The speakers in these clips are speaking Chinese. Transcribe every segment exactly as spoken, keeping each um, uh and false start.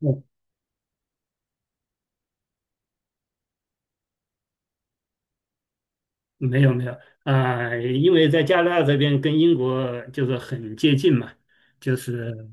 嗯，没有没有，啊、因为在加拿大这边跟英国就是很接近嘛，就是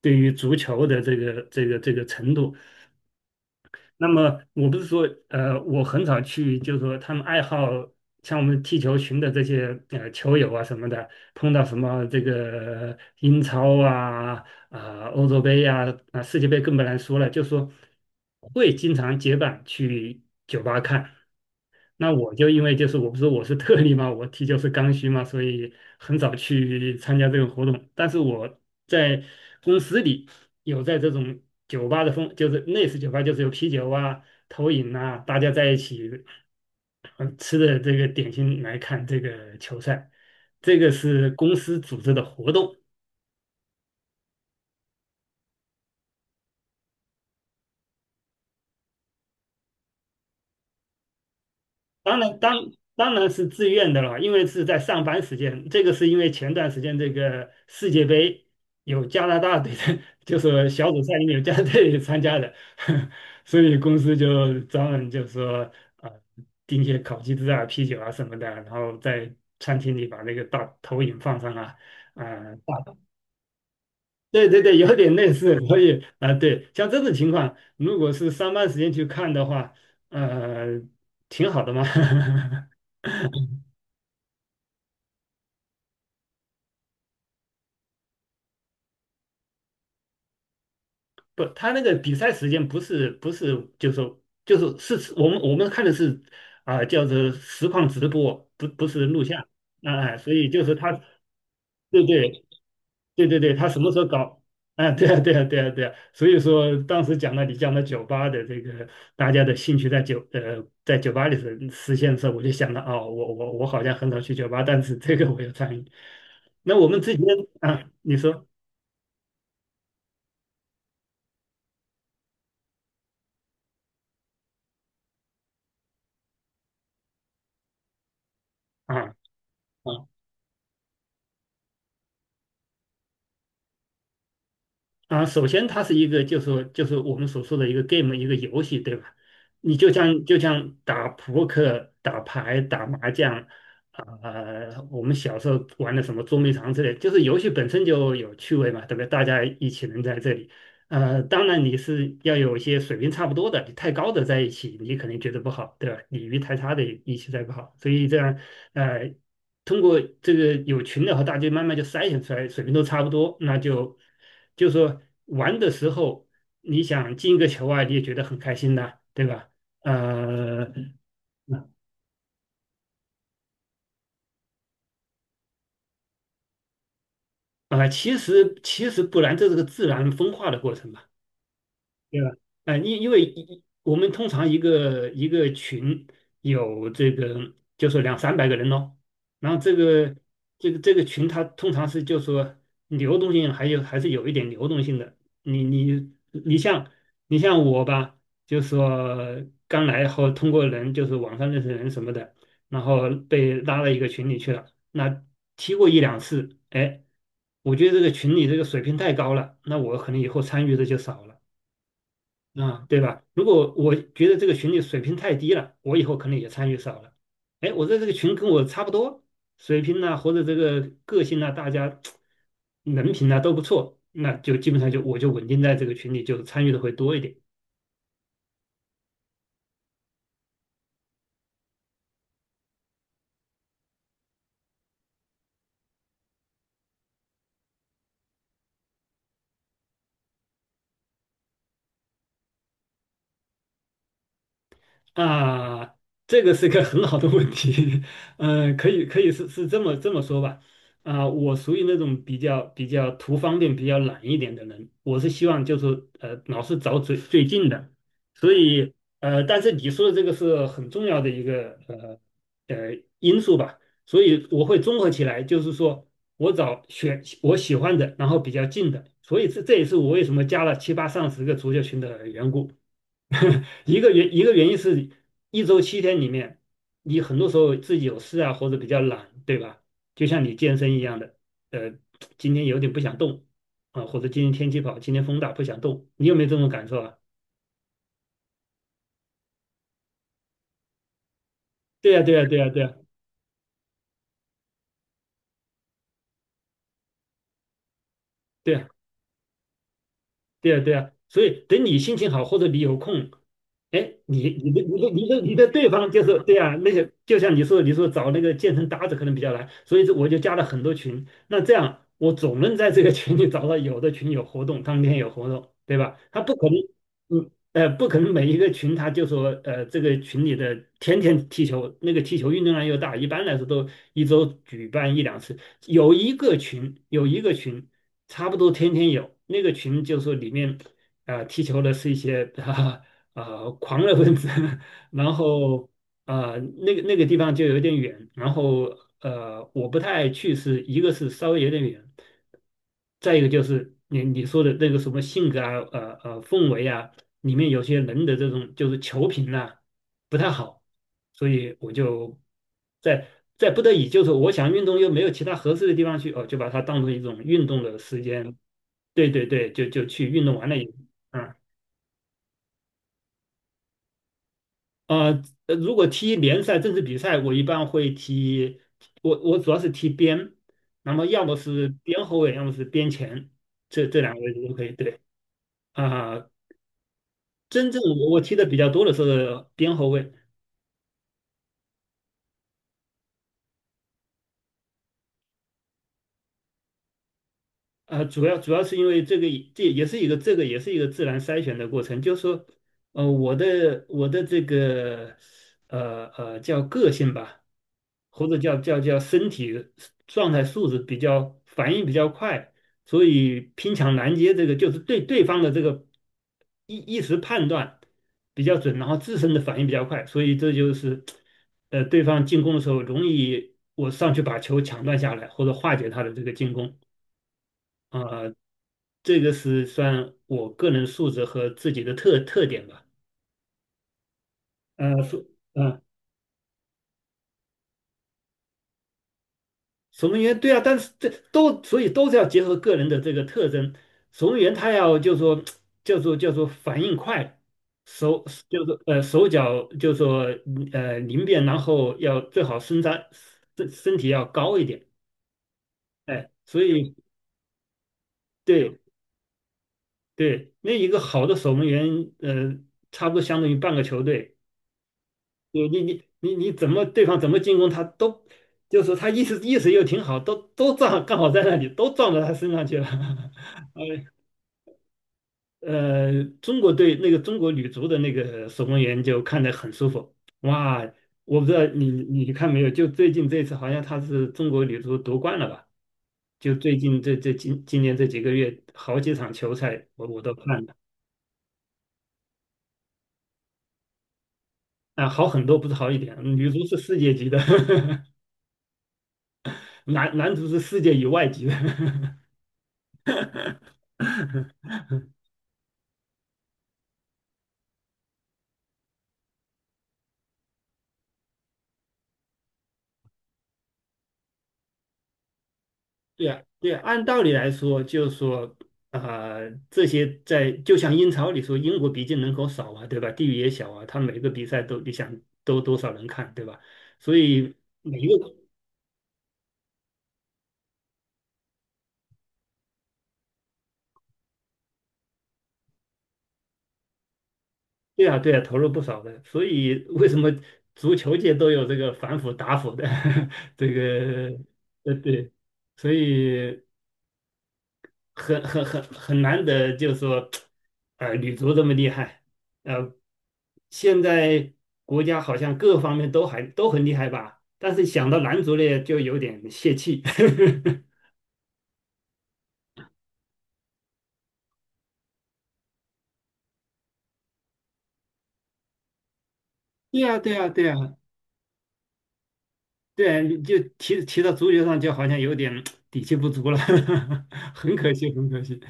对于足球的这个这个这个程度。那么我不是说，呃，我很少去，就是说他们爱好像我们踢球群的这些呃球友啊什么的，碰到什么这个英超啊啊、欧洲杯呀啊、世界杯更不能说了，就说会经常结伴去酒吧看。那我就因为就是我不是我是特例嘛，我踢球是刚需嘛，所以很少去参加这个活动。但是我在公司里有在这种酒吧的风，就是类似酒吧，就是有啤酒啊、投影啊，大家在一起呃吃的这个点心来看这个球赛，这个是公司组织的活动。当然，当当然是自愿的了，因为是在上班时间。这个是因为前段时间这个世界杯有加拿大队的，就是小组赛里面有加拿大队参加的，所以公司就专门就说呃订些烤鸡翅啊、啤酒啊什么的，然后在餐厅里把那个大投影放上啊，啊、大对对对，有点类似。所以啊、呃对，像这种情况，如果是上班时间去看的话，呃，挺好的嘛。不，他那个比赛时间不是不是，就是说就是是我们我们看的是啊、叫做实况直播，不不是录像，哎、所以就是他，对对对对对，他什么时候搞？啊，对啊，对啊，对啊，对啊，所以说当时讲了你讲了酒吧的这个大家的兴趣在酒呃在酒吧里实实现的时候，我就想到哦，我我我好像很少去酒吧，但是这个我有参与。那我们之前啊，你说啊。啊啊，首先它是一个，就是说就是我们所说的一个 game,一个游戏，对吧？你就像就像打扑克、打牌、打麻将，啊、我们小时候玩的什么捉迷藏之类，就是游戏本身就有趣味嘛，对不对？大家一起能在这里，呃，当然你是要有一些水平差不多的，你太高的在一起，你肯定觉得不好，对吧？你鱼太差的一起在不好，所以这样，呃。通过这个有群的和大家慢慢就筛选出来，水平都差不多，那就就说玩的时候，你想进一个球啊，你也觉得很开心的，对吧？呃，啊、其实其实不然，这是个自然分化的过程嘛。对吧？呃，因因为一我们通常一个一个群有这个，就说两三百个人咯，然后这个这个这个群，它通常是就说流动性还有还是有一点流动性的。你你你像你像我吧，就说刚来后通过人就是网上认识人什么的，然后被拉到一个群里去了，那踢过一两次，哎，我觉得这个群里这个水平太高了，那我可能以后参与的就少了。啊，对吧？如果我觉得这个群里水平太低了，我以后可能也参与少了。哎，我在这个群跟我差不多水平呐、或者这个个性呐、大家人品呐、都不错，那就基本上就我就稳定在这个群里，就参与的会多一点。啊，这个是个很好的问题，嗯、可以可以是是这么这么说吧，啊、我属于那种比较比较图方便、比较懒一点的人，我是希望就是呃老是找最最近的，所以呃，但是你说的这个是很重要的一个呃呃因素吧，所以我会综合起来，就是说我找选我喜欢的，然后比较近的，所以这这也是我为什么加了七八上十个足球群的缘故。一个原一个原因是一周七天里面，你很多时候自己有事啊，或者比较懒，对吧？就像你健身一样的，呃，今天有点不想动啊，或者今天天气不好，今天风大不想动，你有没有这种感受啊？对呀，对呀，对呀，对呀，对呀，对呀，对呀。所以等你心情好，或者你有空，哎，你你的你的你的你的对方就是对啊，那个就像你说你说找那个健身搭子可能比较难，所以这我就加了很多群。那这样我总能在这个群里找到有的群有活动，当天有活动，对吧？他不可能，嗯呃，不可能每一个群他就说呃这个群里的天天踢球，那个踢球运动量又大，一般来说都一周举办一两次。有一个群有一个群差不多天天有，那个群就说里面。呃，踢球的是一些呃 呃狂热分子，然后呃那个那个地方就有点远，然后呃我不太爱去是，一个是稍微有点远，再一个就是你你说的那个什么性格啊，呃呃氛围啊，里面有些人的这种就是球品呐不太好，所以我就在在不得已，就是我想运动又没有其他合适的地方去，哦，就把它当成一种运动的时间，对对对，就就去运动完了。以。嗯，呃，呃如果踢联赛正式比赛，我一般会踢，我我主要是踢边，那么要么是边后卫，要么是边前，这这两个位置都可以。对啊、真正我我踢的比较多的是边后卫，呃，主要主要是因为这个也这也是一个这个也是一个自然筛选的过程，就是说，呃，我的我的这个呃呃叫个性吧，或者叫叫叫身体状态素质比较反应比较快，所以拼抢拦截这个就是对对方的这个一一时判断比较准，然后自身的反应比较快，所以这就是呃对方进攻的时候容易我上去把球抢断下来或者化解他的这个进攻。啊、呃这个是算我个人素质和自己的特特点吧。呃，所呃，守门员对啊，但是这都所以都是要结合个人的这个特征。守门员他要就说叫做叫做反应快，手就是呃手脚就说呃灵便，然后要最好身材身身体要高一点。哎，所以对对，那一个好的守门员，呃，差不多相当于半个球队。你你你你你怎么对方怎么进攻他都，就是说他意识意识又挺好，都都撞刚好在那里都撞到他身上去了。呃呃，中国队那个中国女足的那个守门员就看得很舒服。哇，我不知道你你看没有？就最近这次好像她是中国女足夺冠了吧？就最近这这今今年这几个月好几场球赛我我都看了。啊，好很多，不是好一点。女足是世界级的，男男足是世界以外级的。对啊，对啊，按道理来说，就是说，啊，这些在就像英超里说，英国毕竟人口少啊，对吧？地域也小啊，他每个比赛都你想都多少人看，对吧？所以每一个对啊，对啊，投入不少的。所以为什么足球界都有这个反腐打腐的 这个呃对，所以很很很很难得，就是说，呃，女足这么厉害，呃，现在国家好像各方面都还都很厉害吧，但是想到男足呢，就有点泄气。对呀，对呀，对呀，对，你就提提到足球上，就好像有点底气不足了，很可惜，很可惜，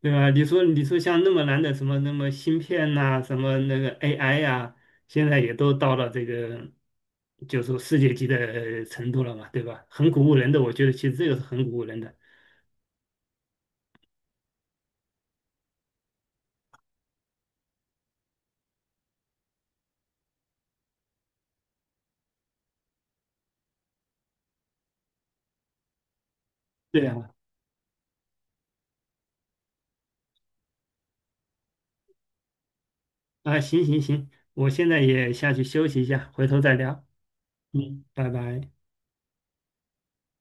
对吧？你说，你说像那么难的什么那么芯片呐、什么那个 A I 呀、现在也都到了这个，就是说世界级的程度了嘛，对吧？很鼓舞人的，我觉得其实这个是很鼓舞人的。对啊，啊，行行行，我现在也下去休息一下，回头再聊。嗯，拜拜。